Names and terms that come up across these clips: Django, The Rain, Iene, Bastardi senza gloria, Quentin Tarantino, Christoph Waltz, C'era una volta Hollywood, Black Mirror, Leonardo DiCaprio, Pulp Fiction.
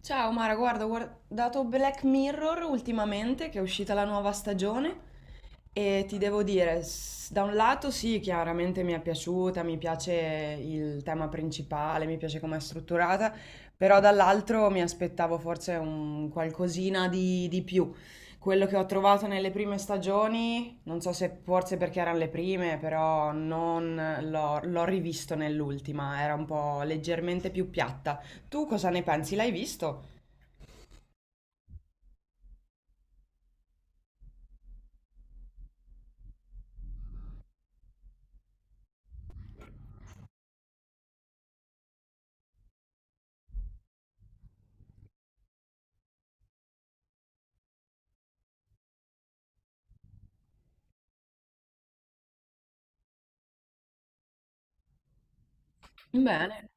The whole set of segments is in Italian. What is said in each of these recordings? Ciao Mara, guarda, ho guardato Black Mirror ultimamente, che è uscita la nuova stagione, e ti devo dire, da un lato sì, chiaramente mi è piaciuta, mi piace il tema principale, mi piace come è strutturata, però dall'altro mi aspettavo forse un qualcosina di più. Quello che ho trovato nelle prime stagioni, non so se forse perché erano le prime, però non l'ho rivisto nell'ultima, era un po' leggermente più piatta. Tu cosa ne pensi? L'hai visto? Bene.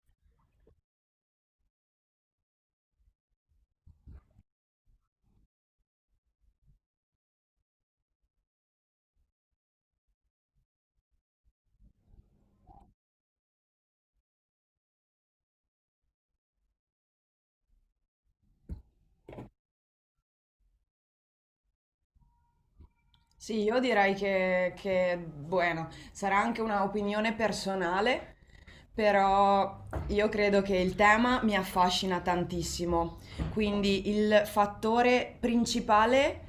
Sì, io direi che bueno, sarà anche una opinione personale, però io credo che il tema mi affascina tantissimo. Quindi il fattore principale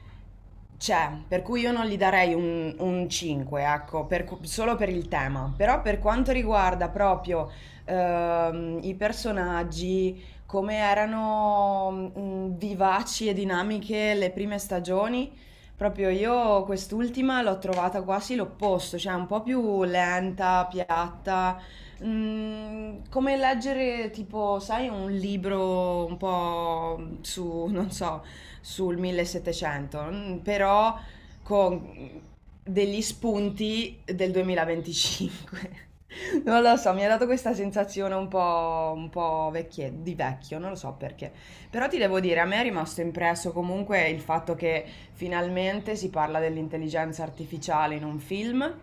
c'è, per cui io non gli darei un 5, ecco, solo per il tema. Però per quanto riguarda proprio i personaggi, come erano vivaci e dinamiche le prime stagioni, proprio io quest'ultima l'ho trovata quasi l'opposto, cioè un po' più lenta, piatta, come leggere tipo, sai, un libro un po' su, non so, sul 1700, però con degli spunti del 2025. Non lo so, mi ha dato questa sensazione un po' di vecchio, non lo so perché. Però ti devo dire, a me è rimasto impresso comunque il fatto che finalmente si parla dell'intelligenza artificiale in un film,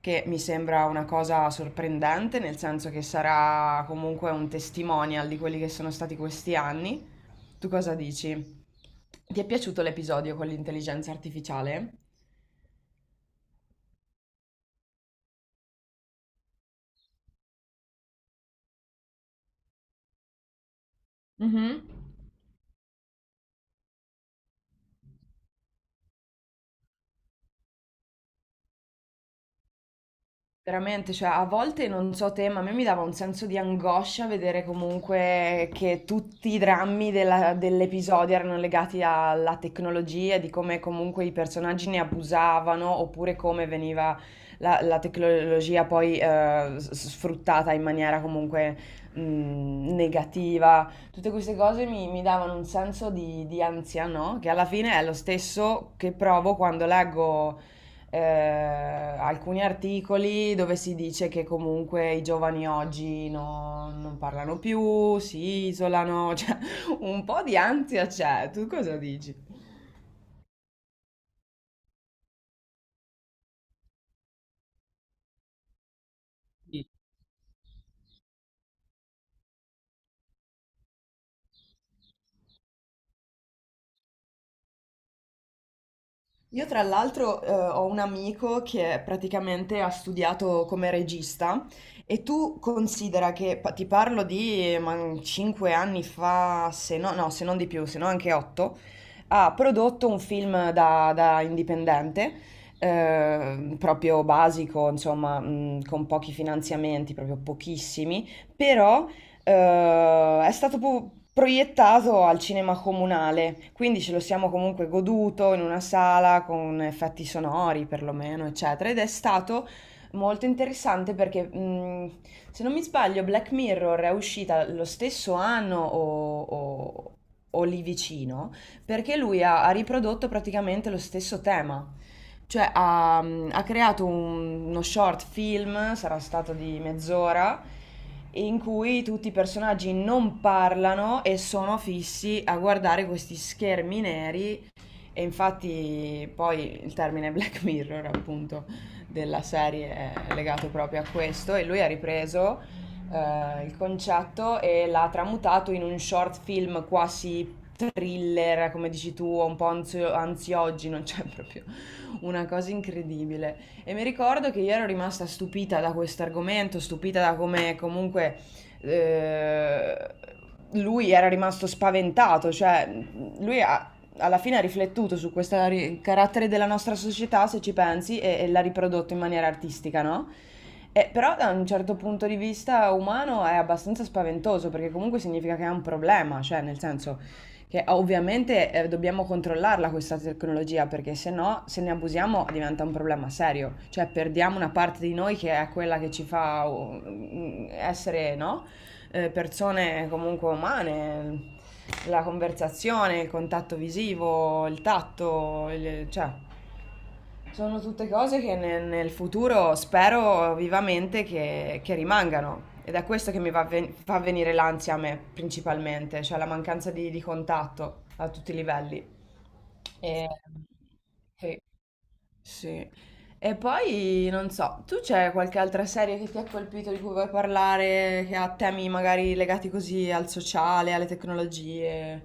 che mi sembra una cosa sorprendente, nel senso che sarà comunque un testimonial di quelli che sono stati questi anni. Tu cosa dici? Ti è piaciuto l'episodio con l'intelligenza artificiale? Mhm. Veramente, cioè a volte non so te, ma a me mi dava un senso di angoscia vedere comunque che tutti i drammi dell'episodio erano legati alla tecnologia, di come comunque i personaggi ne abusavano oppure come veniva la tecnologia poi sfruttata in maniera comunque negativa. Tutte queste cose mi davano un senso di ansia, no? Che alla fine è lo stesso che provo quando leggo eh, alcuni articoli dove si dice che comunque i giovani oggi non parlano più, si isolano, cioè un po' di ansia c'è, tu cosa dici? Io tra l'altro ho un amico che praticamente ha studiato come regista e tu considera che, ti parlo di 5 anni fa, se no, no, se non di più, se no anche 8, ha prodotto un film da indipendente, proprio basico, insomma, con pochi finanziamenti, proprio pochissimi, però è stato proiettato al cinema comunale, quindi ce lo siamo comunque goduto in una sala con effetti sonori perlomeno, eccetera, ed è stato molto interessante perché se non mi sbaglio Black Mirror è uscita lo stesso anno o lì vicino perché lui ha riprodotto praticamente lo stesso tema. Cioè ha creato uno short film, sarà stato di mezz'ora, in cui tutti i personaggi non parlano e sono fissi a guardare questi schermi neri e infatti poi il termine Black Mirror, appunto, della serie è legato proprio a questo e lui ha ripreso il concetto e l'ha tramutato in un short film quasi thriller, come dici tu, un po' ansiogeno, cioè proprio una cosa incredibile. E mi ricordo che io ero rimasta stupita da questo argomento, stupita da come comunque eh, lui era rimasto spaventato, cioè lui ha, alla fine ha riflettuto su questo carattere della nostra società, se ci pensi, e l'ha riprodotto in maniera artistica, no? E però da un certo punto di vista umano è abbastanza spaventoso, perché comunque significa che è un problema, cioè nel senso che ovviamente dobbiamo controllarla questa tecnologia, perché se no, se ne abusiamo diventa un problema serio, cioè perdiamo una parte di noi che è quella che ci fa essere, no? Persone comunque umane, la conversazione, il contatto visivo, il tatto, cioè sono tutte cose che nel futuro spero vivamente che rimangano. Ed è questo che mi fa venire l'ansia a me principalmente, cioè la mancanza di contatto a tutti i livelli. E- sì. Sì. E poi non so, tu c'è qualche altra serie che ti ha colpito di cui vuoi parlare, che ha temi magari legati così al sociale, alle tecnologie?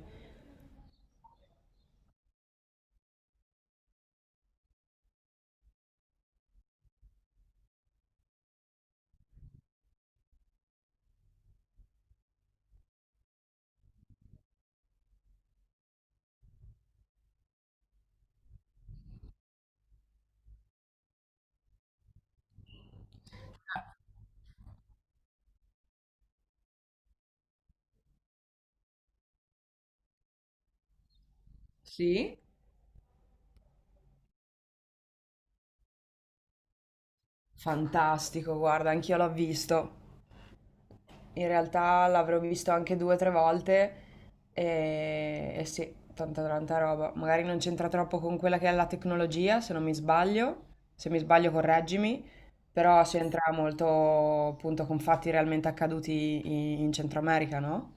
Sì? Fantastico, guarda, anch'io l'ho visto. In realtà l'avrò visto anche 2 o 3 volte e sì, tanta tanta roba. Magari non c'entra troppo con quella che è la tecnologia, se non mi sbaglio, se mi sbaglio correggimi, però c'entra molto appunto con fatti realmente accaduti in Centro America, no?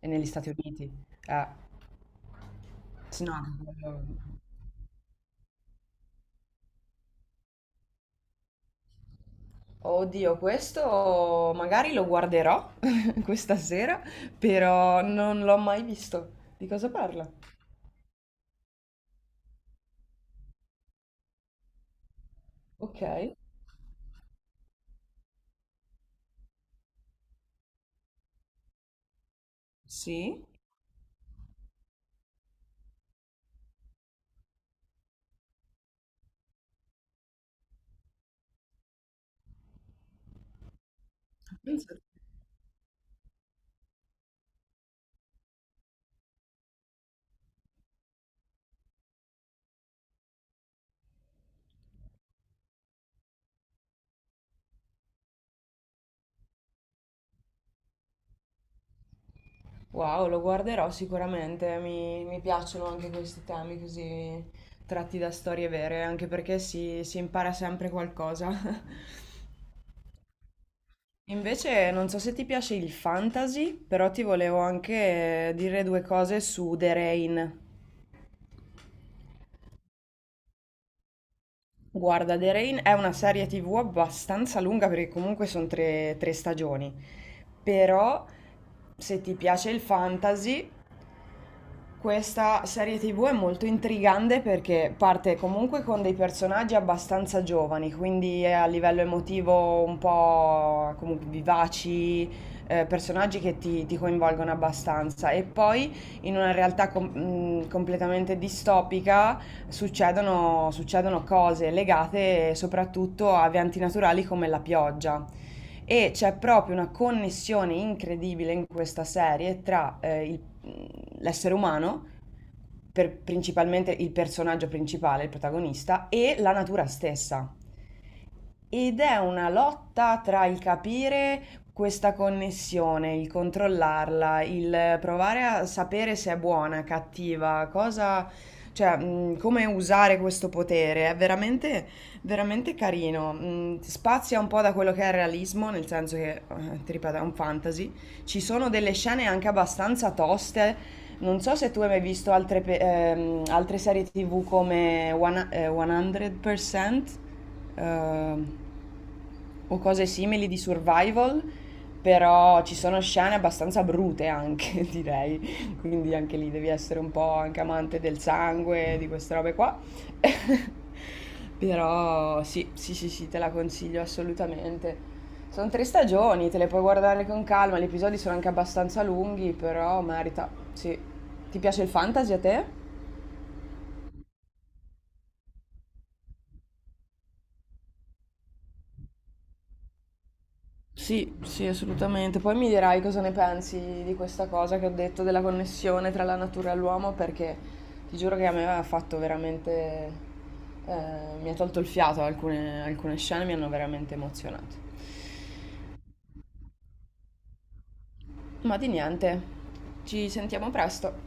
E negli Stati Uniti. Eh, sì, no, anche quello... Oddio, questo magari lo guarderò questa sera, però non l'ho mai visto. Di cosa parla? Ok. Sì. Te. Wow, lo guarderò sicuramente, mi piacciono anche questi temi così tratti da storie vere, anche perché si impara sempre qualcosa. Invece non so se ti piace il fantasy, però ti volevo anche dire due cose su The Rain. Guarda, The Rain è una serie TV abbastanza lunga perché comunque sono tre stagioni, però se ti piace il fantasy... Questa serie TV è molto intrigante perché parte comunque con dei personaggi abbastanza giovani, quindi è a livello emotivo un po' comunque vivaci, personaggi che ti coinvolgono abbastanza. E poi in una realtà completamente distopica succedono cose legate soprattutto a eventi naturali come la pioggia. E c'è proprio una connessione incredibile in questa serie tra mm, l'essere umano principalmente il personaggio principale, il protagonista, e la natura stessa. Ed è una lotta tra il capire questa connessione, il controllarla, il provare a sapere se è buona, cattiva, cosa, cioè, come usare questo potere. È veramente, veramente carino. Spazia un po' da quello che è il realismo, nel senso che, ti ripeto, è un fantasy. Ci sono delle scene anche abbastanza toste. Non so se tu hai mai visto altre, altre serie TV come 100%. ehm, o cose simili di survival, però ci sono scene abbastanza brute anche, direi. Quindi anche lì devi essere un po' anche amante del sangue, di queste robe qua. Però sì, sì, sì, sì, te la consiglio assolutamente. Sono tre stagioni, te le puoi guardare con calma, gli episodi sono anche abbastanza lunghi, però merita. Sì. Ti piace il fantasy a te? Sì, sì, assolutamente. Poi mi dirai cosa ne pensi di questa cosa che ho detto della connessione tra la natura e l'uomo, perché ti giuro che a me ha fatto veramente... mi ha tolto il fiato, alcune scene mi hanno veramente emozionato. Ma di niente, ci sentiamo presto.